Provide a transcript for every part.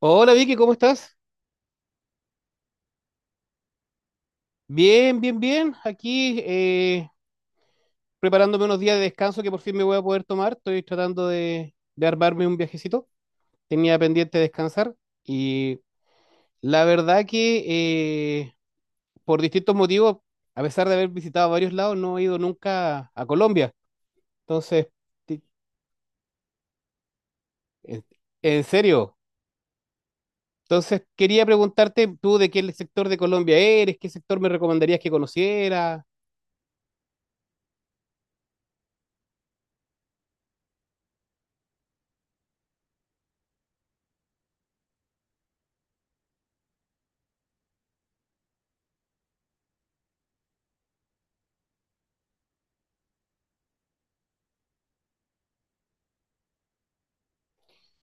Hola Vicky, ¿cómo estás? Bien, bien, bien. Aquí preparándome unos días de descanso que por fin me voy a poder tomar. Estoy tratando de armarme un viajecito. Tenía pendiente descansar y la verdad que por distintos motivos, a pesar de haber visitado varios lados, no he ido nunca a Colombia. Entonces, ti- en, en serio. Entonces, quería preguntarte tú de qué sector de Colombia eres, qué sector me recomendarías que conociera.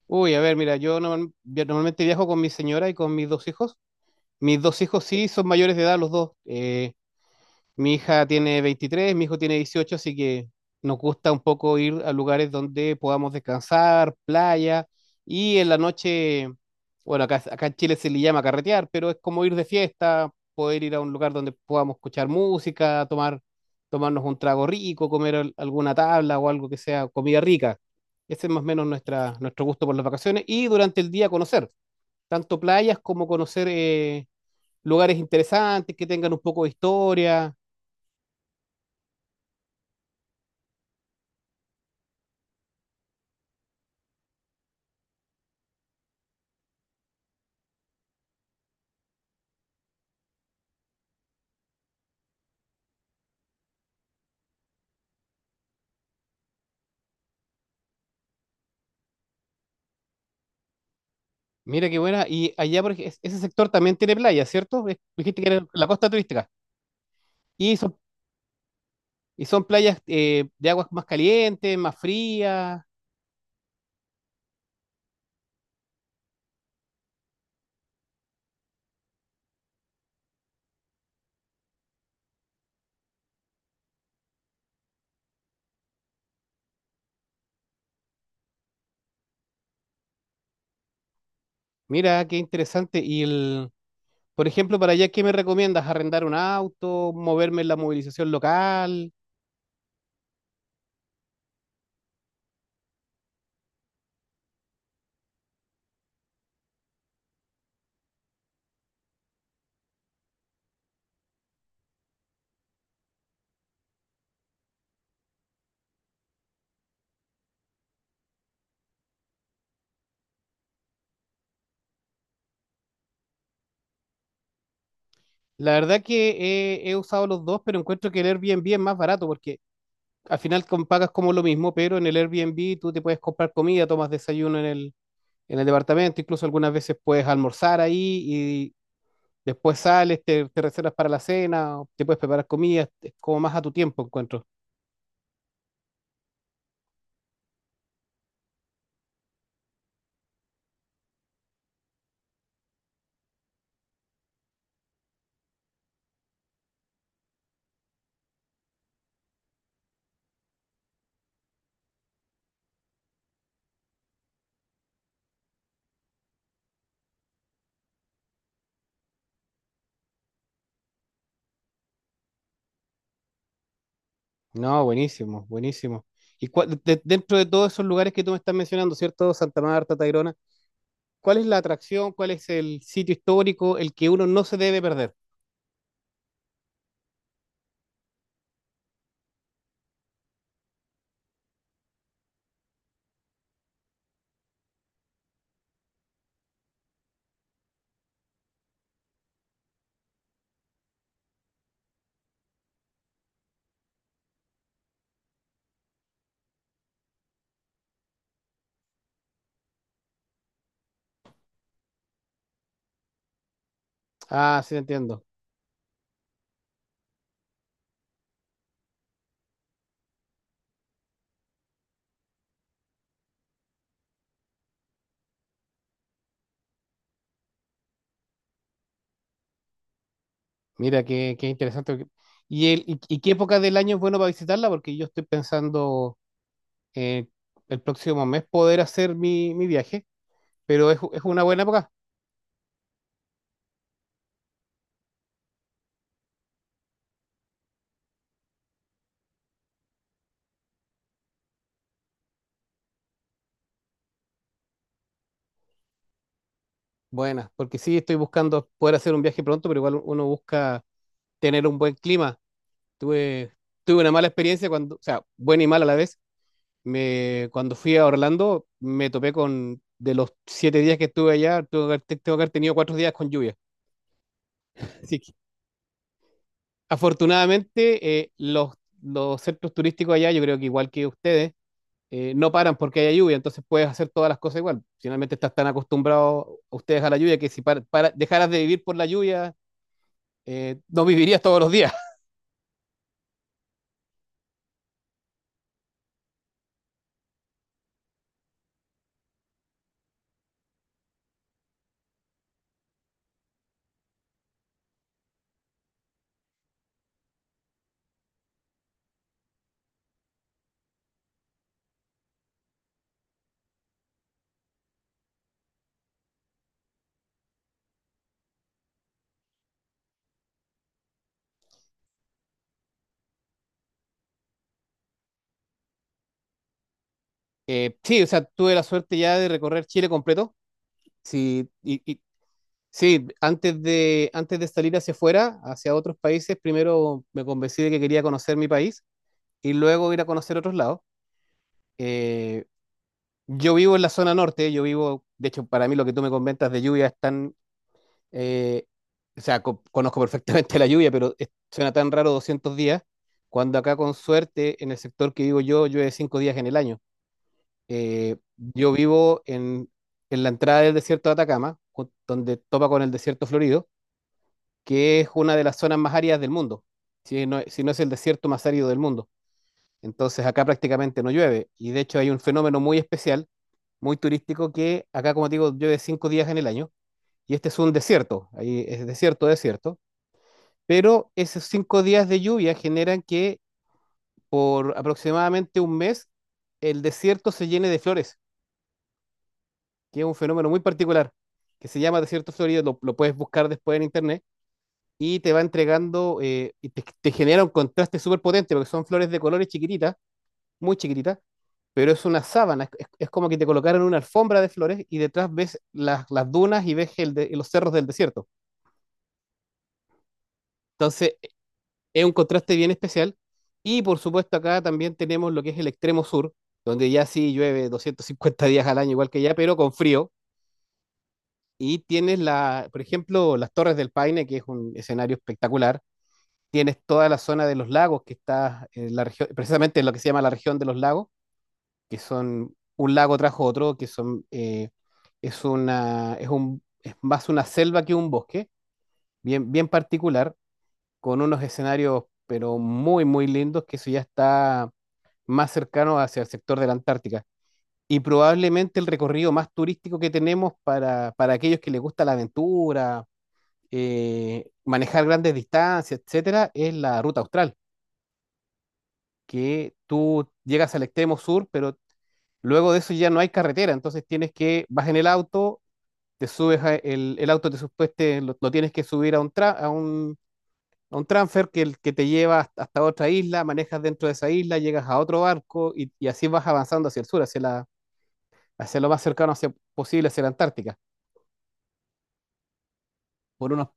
Uy, a ver, mira, yo normalmente viajo con mi señora y con mis dos hijos. Mis dos hijos sí son mayores de edad los dos. Mi hija tiene 23, mi hijo tiene 18, así que nos gusta un poco ir a lugares donde podamos descansar, playa, y en la noche, bueno, acá en Chile se le llama carretear, pero es como ir de fiesta, poder ir a un lugar donde podamos escuchar música, tomarnos un trago rico, comer alguna tabla o algo que sea comida rica. Ese es más o menos nuestro gusto por las vacaciones y durante el día conocer, tanto playas como conocer lugares interesantes que tengan un poco de historia. Mira qué buena. Y allá, ese sector también tiene playas, ¿cierto? Dijiste que era la costa turística. Y son, y son playas de aguas más calientes, más frías. Mira, qué interesante. Por ejemplo, para allá, ¿qué me recomiendas? ¿Arrendar un auto? ¿Moverme en la movilización local? La verdad que he usado los dos, pero encuentro que el Airbnb es más barato porque al final pagas como lo mismo, pero en el Airbnb tú te puedes comprar comida, tomas desayuno en el departamento, incluso algunas veces puedes almorzar ahí. Después sales, te reservas para la cena, o te puedes preparar comidas, es como más a tu tiempo encuentro. No, buenísimo, buenísimo. Y dentro de todos esos lugares que tú me estás mencionando, ¿cierto? Santa Marta, Tayrona, ¿cuál es la atracción? ¿Cuál es el sitio histórico, el que uno no se debe perder? Ah, sí, entiendo. Mira, qué interesante. ¿Y, y qué época del año es bueno para visitarla? Porque yo estoy pensando eh, el próximo mes poder hacer mi viaje, pero es una buena época. Buenas, porque sí estoy buscando poder hacer un viaje pronto, pero igual uno busca tener un buen clima. Tuve, tuve una mala experiencia cuando, o sea, buena y mala a la vez. Cuando fui a Orlando, me topé con, de los 7 días que estuve allá, tengo que haber tenido 4 días con lluvia. Así que, afortunadamente, los centros turísticos allá, yo creo que igual que ustedes, no paran porque haya lluvia, entonces puedes hacer todas las cosas igual. Finalmente estás tan acostumbrados ustedes a la lluvia que si dejaras de vivir por la lluvia, no vivirías todos los días. Sí, o sea, tuve la suerte ya de recorrer Chile completo. Sí, y, y- sí, antes de salir hacia afuera, hacia otros países, primero me convencí de que quería conocer mi país y luego ir a conocer otros lados. Eh, yo vivo en la zona norte, yo vivo, de hecho, para mí lo que tú me comentas de lluvia es tan, eh, o sea, conozco perfectamente la lluvia, suena tan raro 200 días, cuando acá con suerte en el sector que vivo yo llueve 5 días en el año. Eh, yo vivo en, en la entrada del desierto de Atacama, donde topa con el desierto florido, que es una de las zonas más áridas del mundo, si no, si no es el desierto más árido del mundo. Entonces acá prácticamente no llueve y de hecho hay un fenómeno muy especial, muy turístico, que acá, como te digo, llueve 5 días en el año y este es un desierto, ahí es desierto, desierto, pero esos 5 días de lluvia generan que por aproximadamente 1 mes el desierto se llene de flores, que es un fenómeno muy particular, que se llama desierto florido, lo puedes buscar después en internet, y te va entregando, te genera un contraste súper potente, porque son flores de colores chiquititas, muy chiquititas, pero es una sábana, es como que te colocaron una alfombra de flores y detrás ves las dunas y ves los cerros del desierto. Entonces, es un contraste bien especial. Y por supuesto, acá también tenemos lo que es el extremo sur, donde ya sí llueve 250 días al año, igual que allá, pero con frío. Y tienes la, por ejemplo, las Torres del Paine, que es un escenario espectacular. Tienes toda la zona de los lagos que está en la región, precisamente en lo que se llama la región de los lagos, que son un lago tras otro, que son es una es más una selva que un bosque, bien bien particular, con unos escenarios pero muy muy lindos, que eso ya está más cercano hacia el sector de la Antártica y probablemente el recorrido más turístico que tenemos para aquellos que les gusta la aventura, manejar grandes distancias, etcétera, es la ruta austral, que tú llegas al extremo sur, pero luego de eso ya no hay carretera, entonces tienes que, vas en el auto, te subes, el auto te supueste, lo tienes que subir a un, a un transfer que, que te lleva hasta otra isla, manejas dentro de esa isla, llegas a otro barco y así vas avanzando hacia el sur, hacia lo más cercano posible hacia la Antártica. Por unos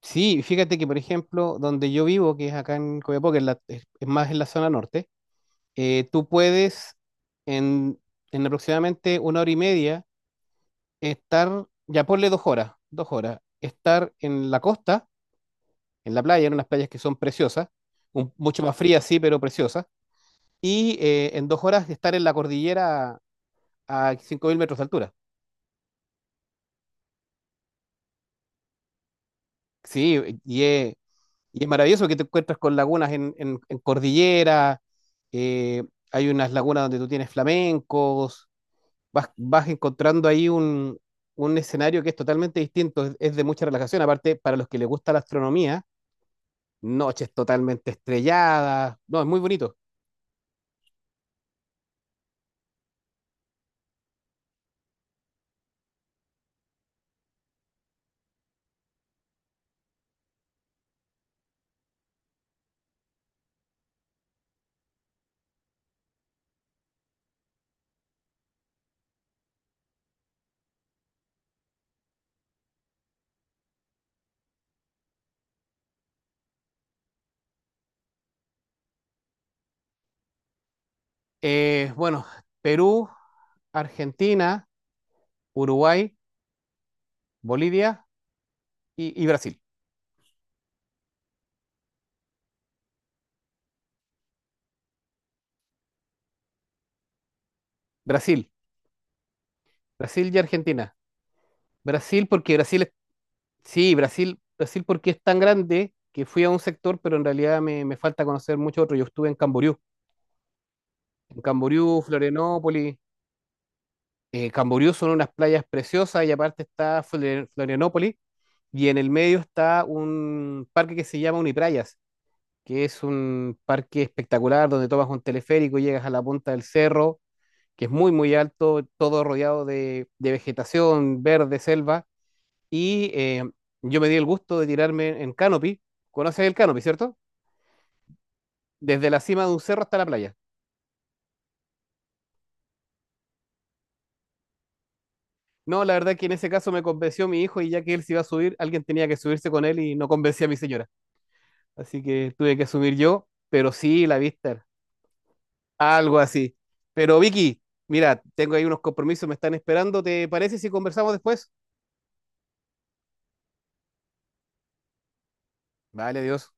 sí, fíjate que, por ejemplo, donde yo vivo, que es acá en Copiapó, que es, es más en la zona norte, eh, tú puedes en, en aproximadamente 1 hora y media estar, ya ponle 2 horas, 2 horas, estar en la costa, en la playa, en unas playas que son preciosas, mucho más frías, sí, pero preciosas, y en 2 horas estar en la cordillera a 5.000 metros de altura. Sí, y es Y es maravilloso que te encuentras con lagunas en cordillera, eh, hay unas lagunas donde tú tienes flamencos, vas encontrando ahí un escenario que es totalmente distinto, es de mucha relajación, aparte para los que les gusta la astronomía, noches totalmente estrelladas, no, es muy bonito. Eh, bueno, Perú, Argentina, Uruguay, Bolivia y Brasil. Brasil, Brasil y Argentina. Brasil porque Brasil es sí, Brasil, Brasil porque es tan grande que fui a un sector, pero en realidad me falta conocer mucho otro. Yo estuve en Camboriú, Florianópolis. Camboriú son unas playas preciosas y aparte está Florianópolis y en el medio está un parque que se llama Uniprayas, que es un parque espectacular donde tomas un teleférico, llegas a la punta del cerro, que es muy, muy alto, todo rodeado de vegetación, verde, selva. Y eh, yo me di el gusto de tirarme en canopy. ¿Conoces el canopy, cierto? Desde la cima de un cerro hasta la playa. No, la verdad que en ese caso me convenció mi hijo y ya que él se iba a subir, alguien tenía que subirse con él y no convencía a mi señora. Así que tuve que subir yo, pero sí, la vista, algo así. Pero Vicky, mira, tengo ahí unos compromisos, me están esperando. ¿Te parece si conversamos después? Vale, adiós.